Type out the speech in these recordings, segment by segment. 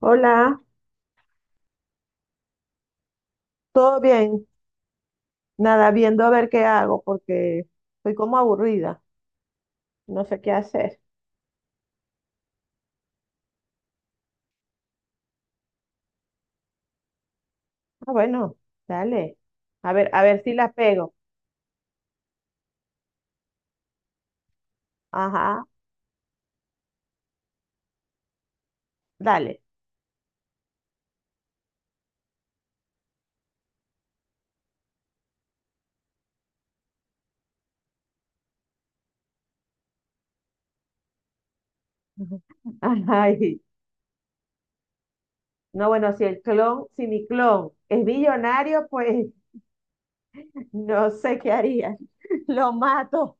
Hola, ¿todo bien? Nada, viendo a ver qué hago porque estoy como aburrida, no sé qué hacer. Ah, bueno, dale. A ver si la pego. Ajá, dale. Ay, no, bueno, si mi clon es millonario, pues no sé qué haría. Lo mato,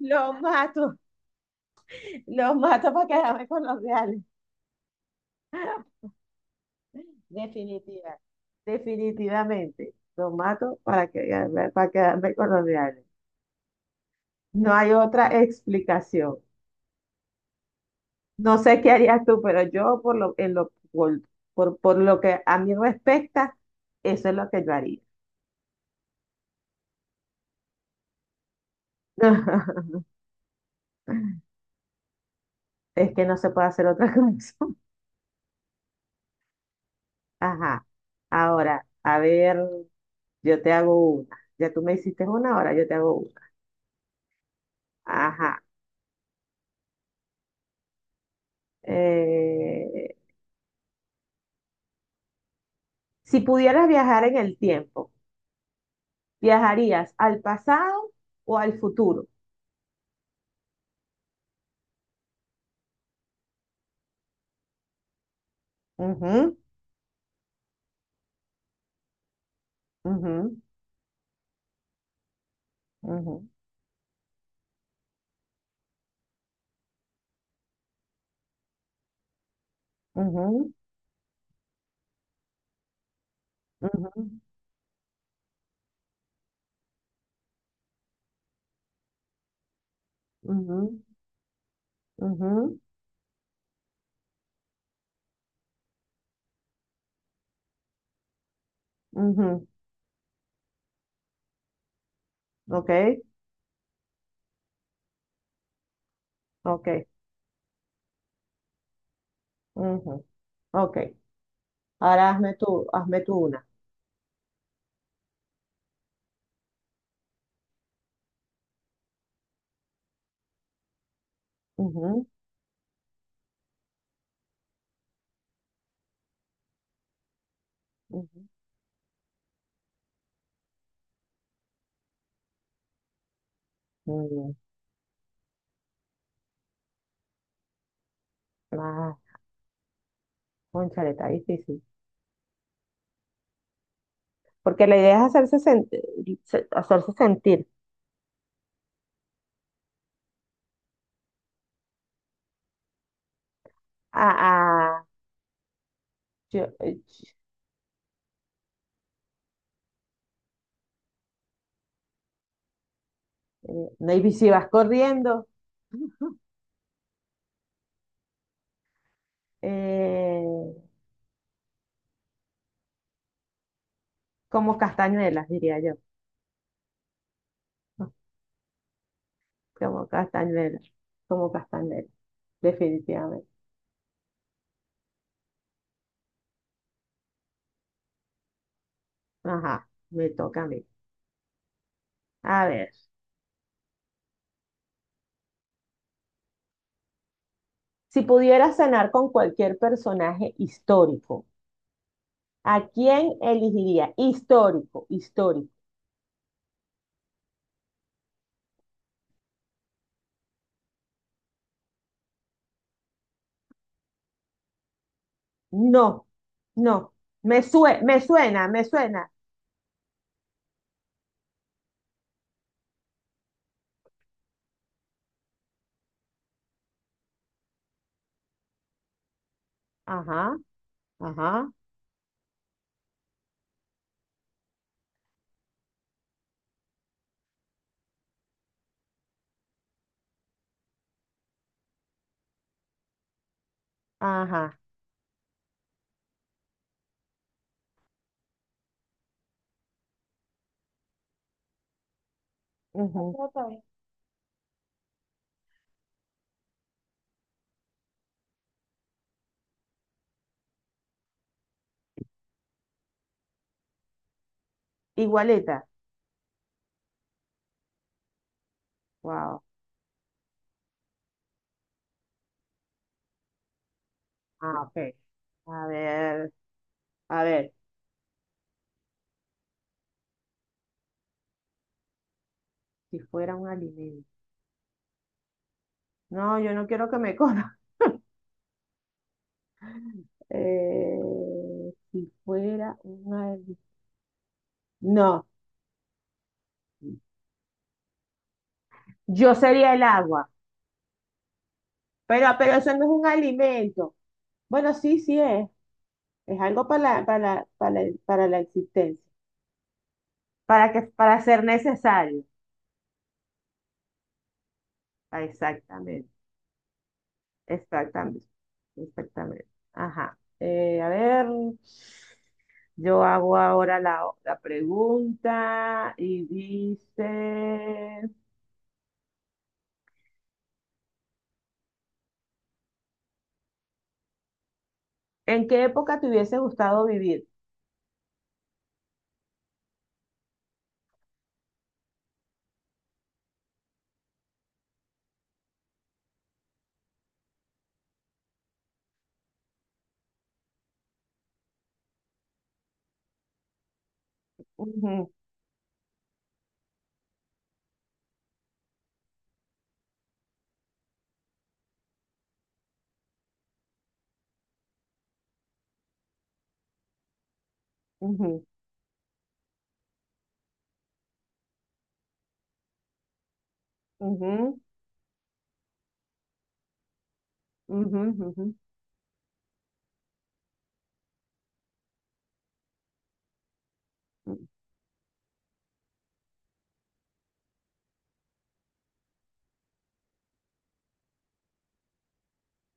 lo mato, lo mato para quedarme con los reales. Definitiva, Definitivamente. Lo mato para quedarme con los reales. No hay otra explicación. No sé qué harías tú, pero yo por lo, en lo, por lo que a mí respecta, eso es lo que yo haría. Es que no se puede hacer otra cosa. Ajá. Ahora, a ver, yo te hago una. Ya tú me hiciste una, ahora yo te hago una. Ajá. Eh, si pudieras viajar en el tiempo, ¿viajarías al pasado o al futuro? Ujú, ujú, ujú, ujú, ujú, ujú, ujú, ujú. Ok, ok, ujú, ok. Ahora hazme tú una. Ujú, ujú. Mm. Ah, cónchale, está difícil. Porque la idea es hacerse sentir. Ah, ah, yo- eh, maybe si vas corriendo, eh, como castañuelas, diría yo. Como castañuelas, como castañuelas, definitivamente. Ajá, me toca a mí. A ver. Si pudieras cenar con cualquier personaje histórico, ¿a quién elegiría? Histórico, histórico. No, no. Me suena, me suena. Ajá, ajá, ajá. Ujú. Igualita. Wow. Ah, ok. A ver, a ver. Si fuera un alimento. No, yo no quiero que me coma. Eh, si fuera un alimento. No. Yo sería el agua. Pero eso no es un alimento. Bueno, sí, sí es. Es algo para la existencia. Para ser necesario. Ah, exactamente. Exactamente. Exactamente. Ajá. A ver, yo hago ahora la pregunta y dice, ¿en qué época te hubiese gustado vivir? Ujú, ujú, ujú, ujú, ujú, ujú.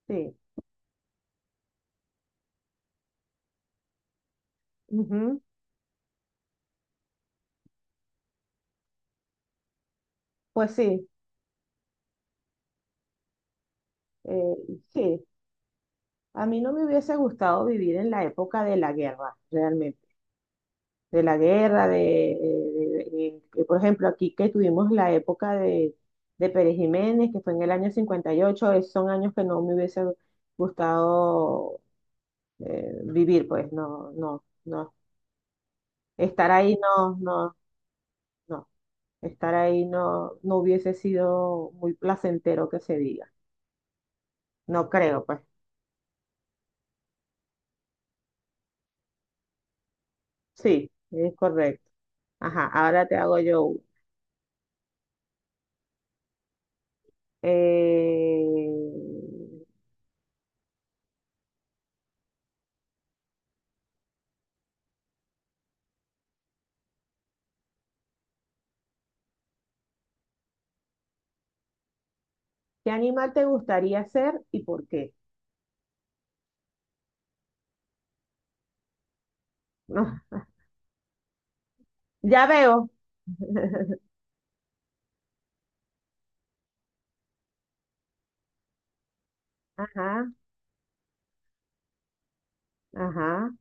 Sí. Ujú. Pues sí. eh, sí. A mí no me hubiese gustado vivir en la época de la guerra, realmente, de la guerra, por ejemplo, aquí que tuvimos la época de Pérez Jiménez, que fue en el año 58. Esos son años que no me hubiese gustado vivir, pues no, no, no. Estar ahí no, no, no. Estar ahí no, no hubiese sido muy placentero que se diga. No creo, pues. Sí, es correcto. Ajá, ahora te hago yo. Eh, ¿Qué animal te gustaría ser y por qué? No, ya veo. Ajá, ajá.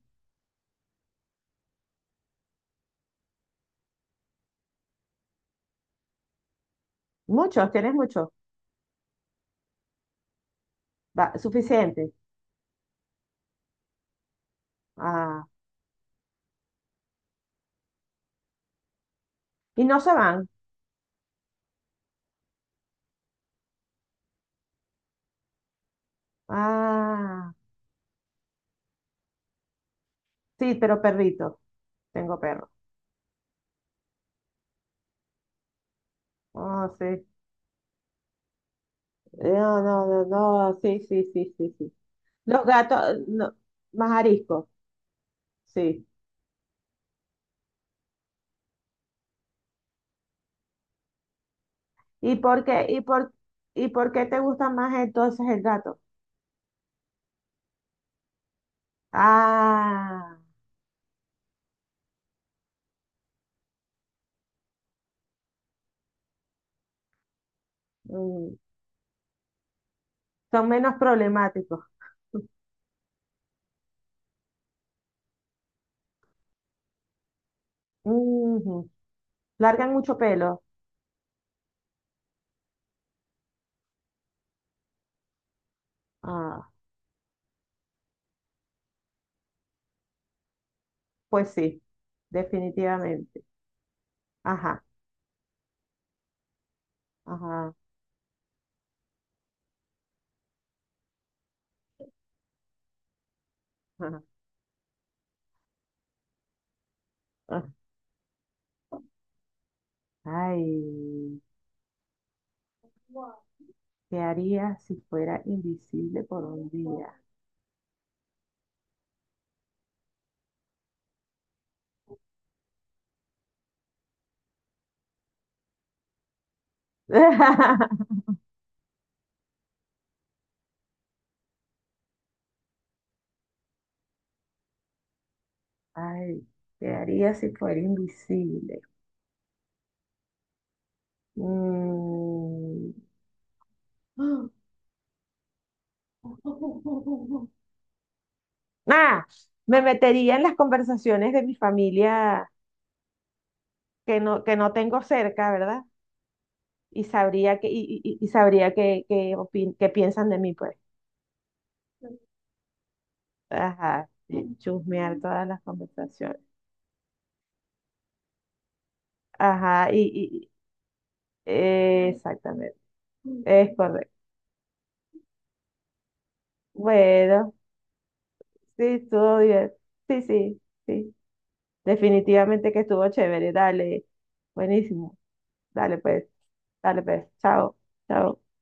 Muchos, tienes muchos. Va, suficiente. Ah, y no se van. Ah, sí, pero perrito. Tengo perro. Ah, sí. No, no, no, no. Sí, sí, sí, sí, sí. Los gatos, no, más ariscos. Sí. ¿Y por qué, y por, y por qué te gusta más entonces el gato? Ah, mm, Son menos problemáticos. Ujú. Largan mucho pelo. Ah, pues sí, definitivamente. Ajá, ajá, ajá. Ah. Ay, ¿qué haría si fuera invisible por un día? Ay, ¿qué haría si fuera invisible? Mm. Ah, me metería en las conversaciones de mi familia que no tengo cerca, ¿verdad? Y sabría que, y sabría que, opin- que piensan de mí, pues. Ajá, y chusmear todas las conversaciones. Ajá, exactamente. Es correcto. Bueno, sí, estuvo bien. Sí, sí, sí. Definitivamente que estuvo chévere. Dale. Buenísimo. Dale, pues. Dale, pues. Chao. Chao.